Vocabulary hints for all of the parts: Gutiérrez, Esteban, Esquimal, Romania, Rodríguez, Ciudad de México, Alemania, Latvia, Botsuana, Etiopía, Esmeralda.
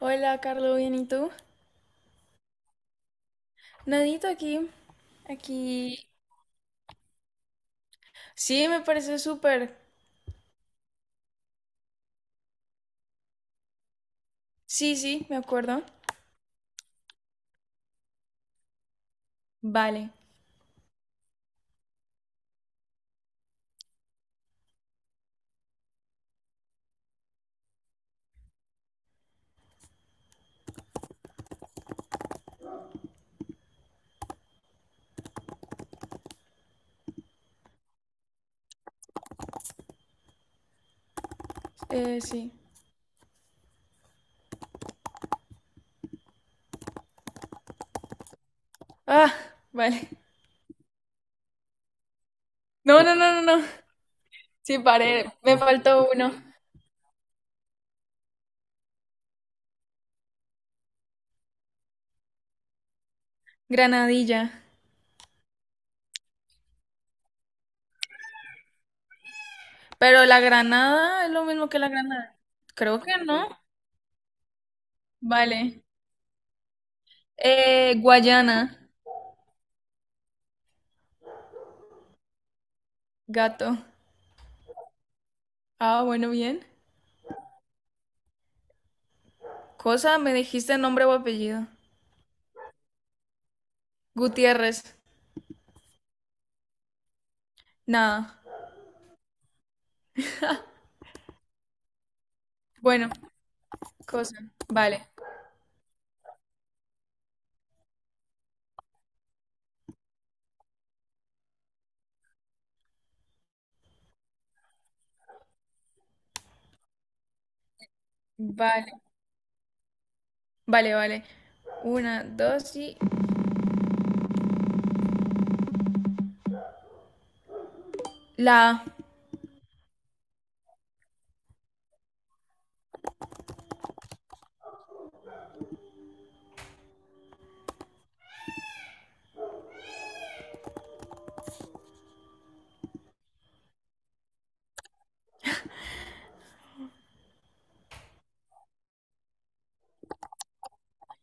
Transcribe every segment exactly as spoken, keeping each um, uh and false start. Hola, Carlos, ¿bien y tú? Nadito aquí, aquí. Sí, me parece súper. Sí, sí, me acuerdo. Vale, eh, sí. Ah, vale. No, no, no, no, no. Sí, paré, me faltó uno. Granadilla. Pero la granada es lo mismo que la granada. Creo que no. Vale. Eh, Guayana, gato. Ah, bueno, bien. Cosa, me dijiste nombre o apellido. Gutiérrez. Nada. Bueno, cosa. Vale. Vale, vale, vale. Una, dos y... La... A.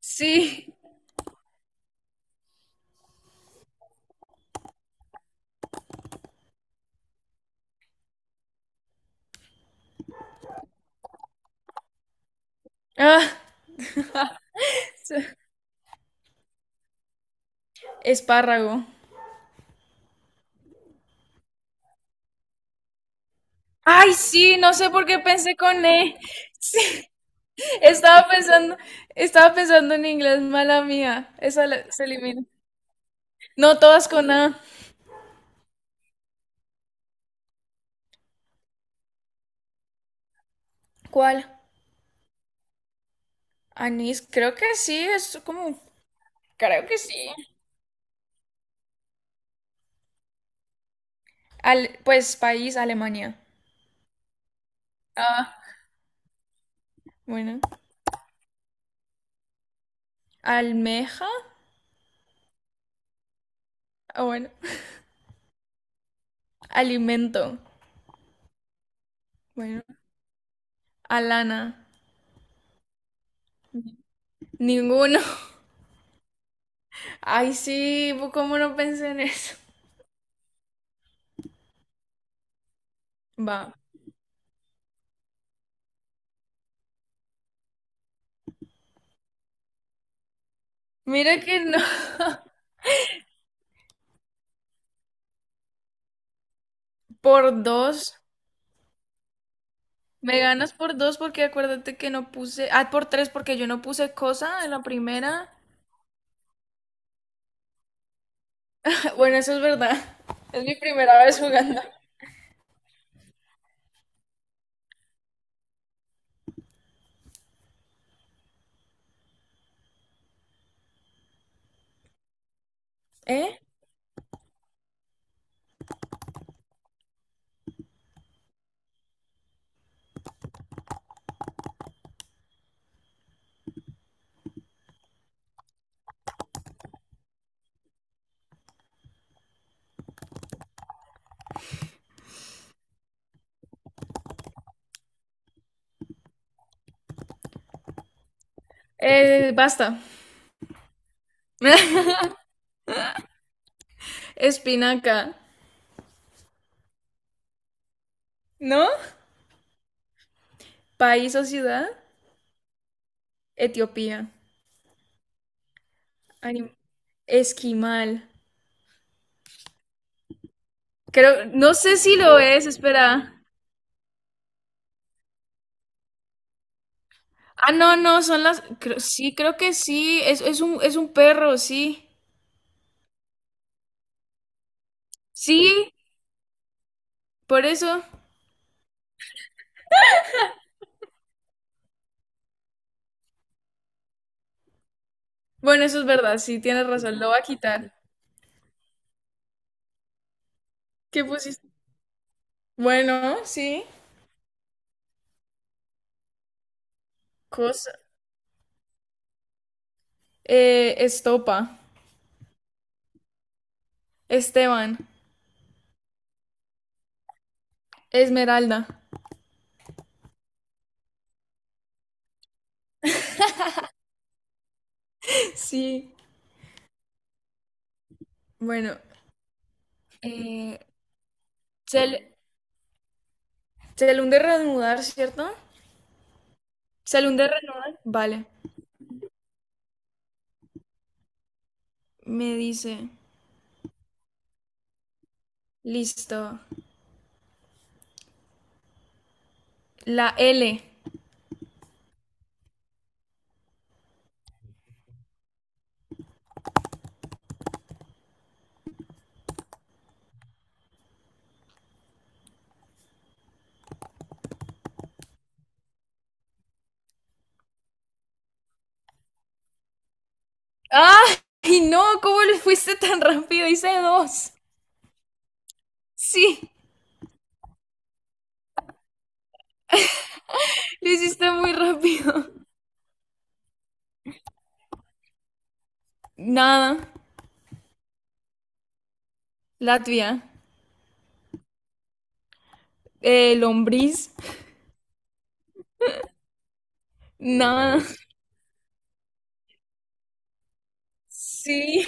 Sí. Ah, espárrago. Ay, sí, no sé por qué pensé con E. Sí, estaba pensando, estaba pensando en inglés, mala mía. Esa la- se elimina. No, todas con A. ¿Cuál? Anís, creo que sí, es como... Creo que sí. Al... Pues país, Alemania. Ah, bueno. Almeja. Ah, bueno. Alimento. Bueno. Alana. Ninguno. Ay, sí, pues, ¿cómo no pensé en eso? Va. Mira que no. Por dos. Me ganas por dos porque acuérdate que no puse. Ah, por tres porque yo no puse cosa en la primera. Bueno, eso es verdad. Es mi primera vez jugando. ¿Eh? Eh, basta. Espinaca. ¿No? País o ciudad. Etiopía. Anim- Esquimal. Creo, no sé si lo es, espera. Ah, no, no, son las. Creo- sí, creo que sí. Es, es un, es un perro, sí. Sí, por eso. Bueno, eso es verdad, sí, tienes razón. Lo voy a quitar. ¿Qué pusiste? Bueno, sí. Cosa. Eh, estopa. Esteban. Esmeralda. Sí. Bueno. Eh, se, le, se le hunde reanudar, ¿cierto? Se le hunde reanudar. Vale. Me dice. Listo. La L. ¡Ay, no! ¿Cómo le fuiste tan rápido? Hice dos. Sí, lo hiciste muy rápido. Nada, Latvia. Eh, lombriz, nada. Sí,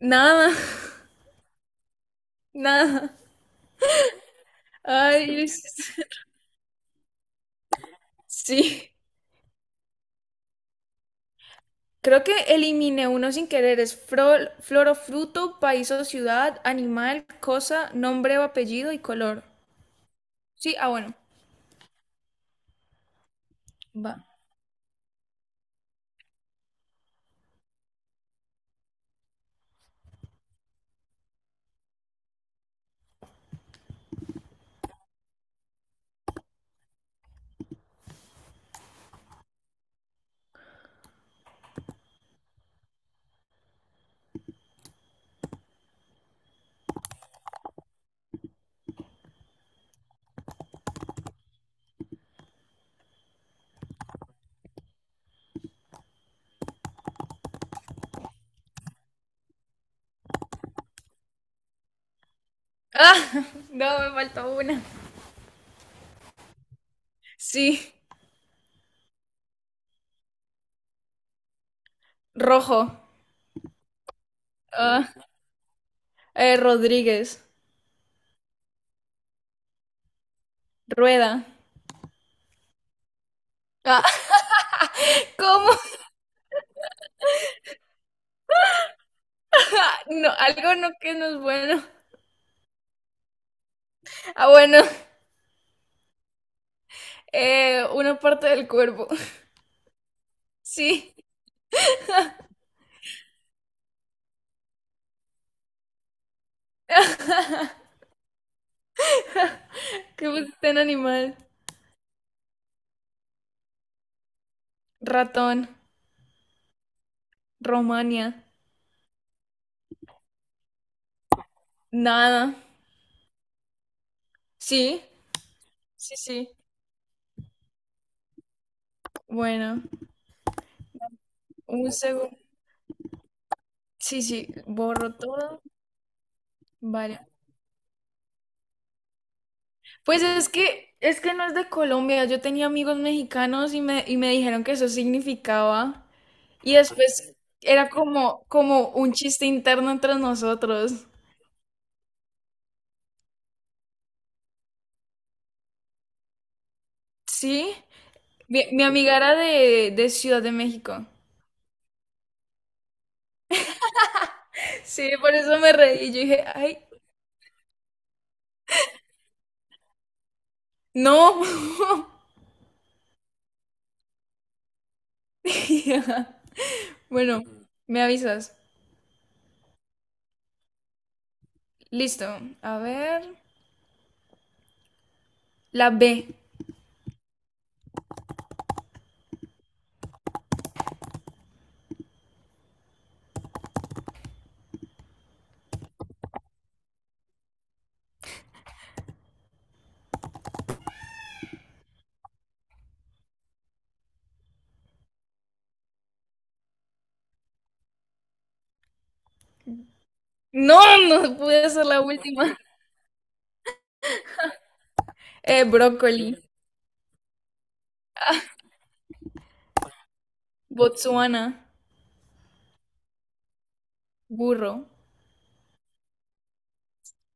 nada, nada. Ay, lo hiciste- Sí. Creo que eliminé uno sin querer. Es flor, flor o fruto, país o ciudad, animal, cosa, nombre o apellido y color. Sí, ah, bueno. Va. Ah, no, me faltó una. Sí, rojo. Ah, eh, Rodríguez. Rueda. Ah, ¿cómo? Ah, no, algo no que no es bueno. Ah, bueno, eh, una parte del cuerpo. Sí, que pusiste en animal. Ratón, Romania, nada. Sí, sí, sí. Bueno, un segundo. Sí, sí, borro todo. Vale. Pues es que es que no es de Colombia. Yo tenía amigos mexicanos y me, y me dijeron que eso significaba. Y después era como, como un chiste interno entre nosotros. ¿Sí? Mi, mi amiga era de, de Ciudad de México. Sí, por eso me reí. Yo dije, ay, no. Bueno, me avisas. Listo. A ver. La B. No, no pude ser la última. Eh, brócoli. Botsuana. Burro.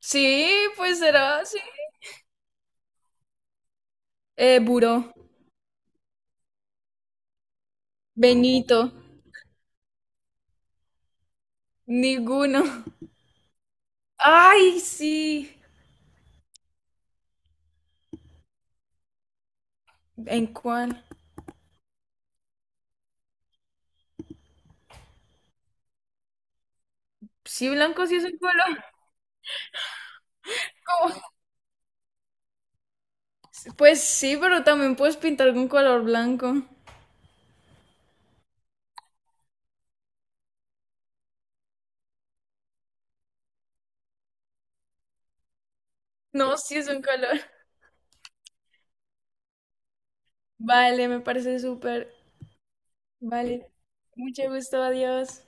Sí, pues será, sí. Eh, buró. Benito. Ninguno. Ay, sí. ¿En cuál? Sí, blanco sí es un color. Pues sí, pero también puedes pintar con color blanco. No, sí es un color. Vale, me parece súper. Vale. Mucho gusto, adiós.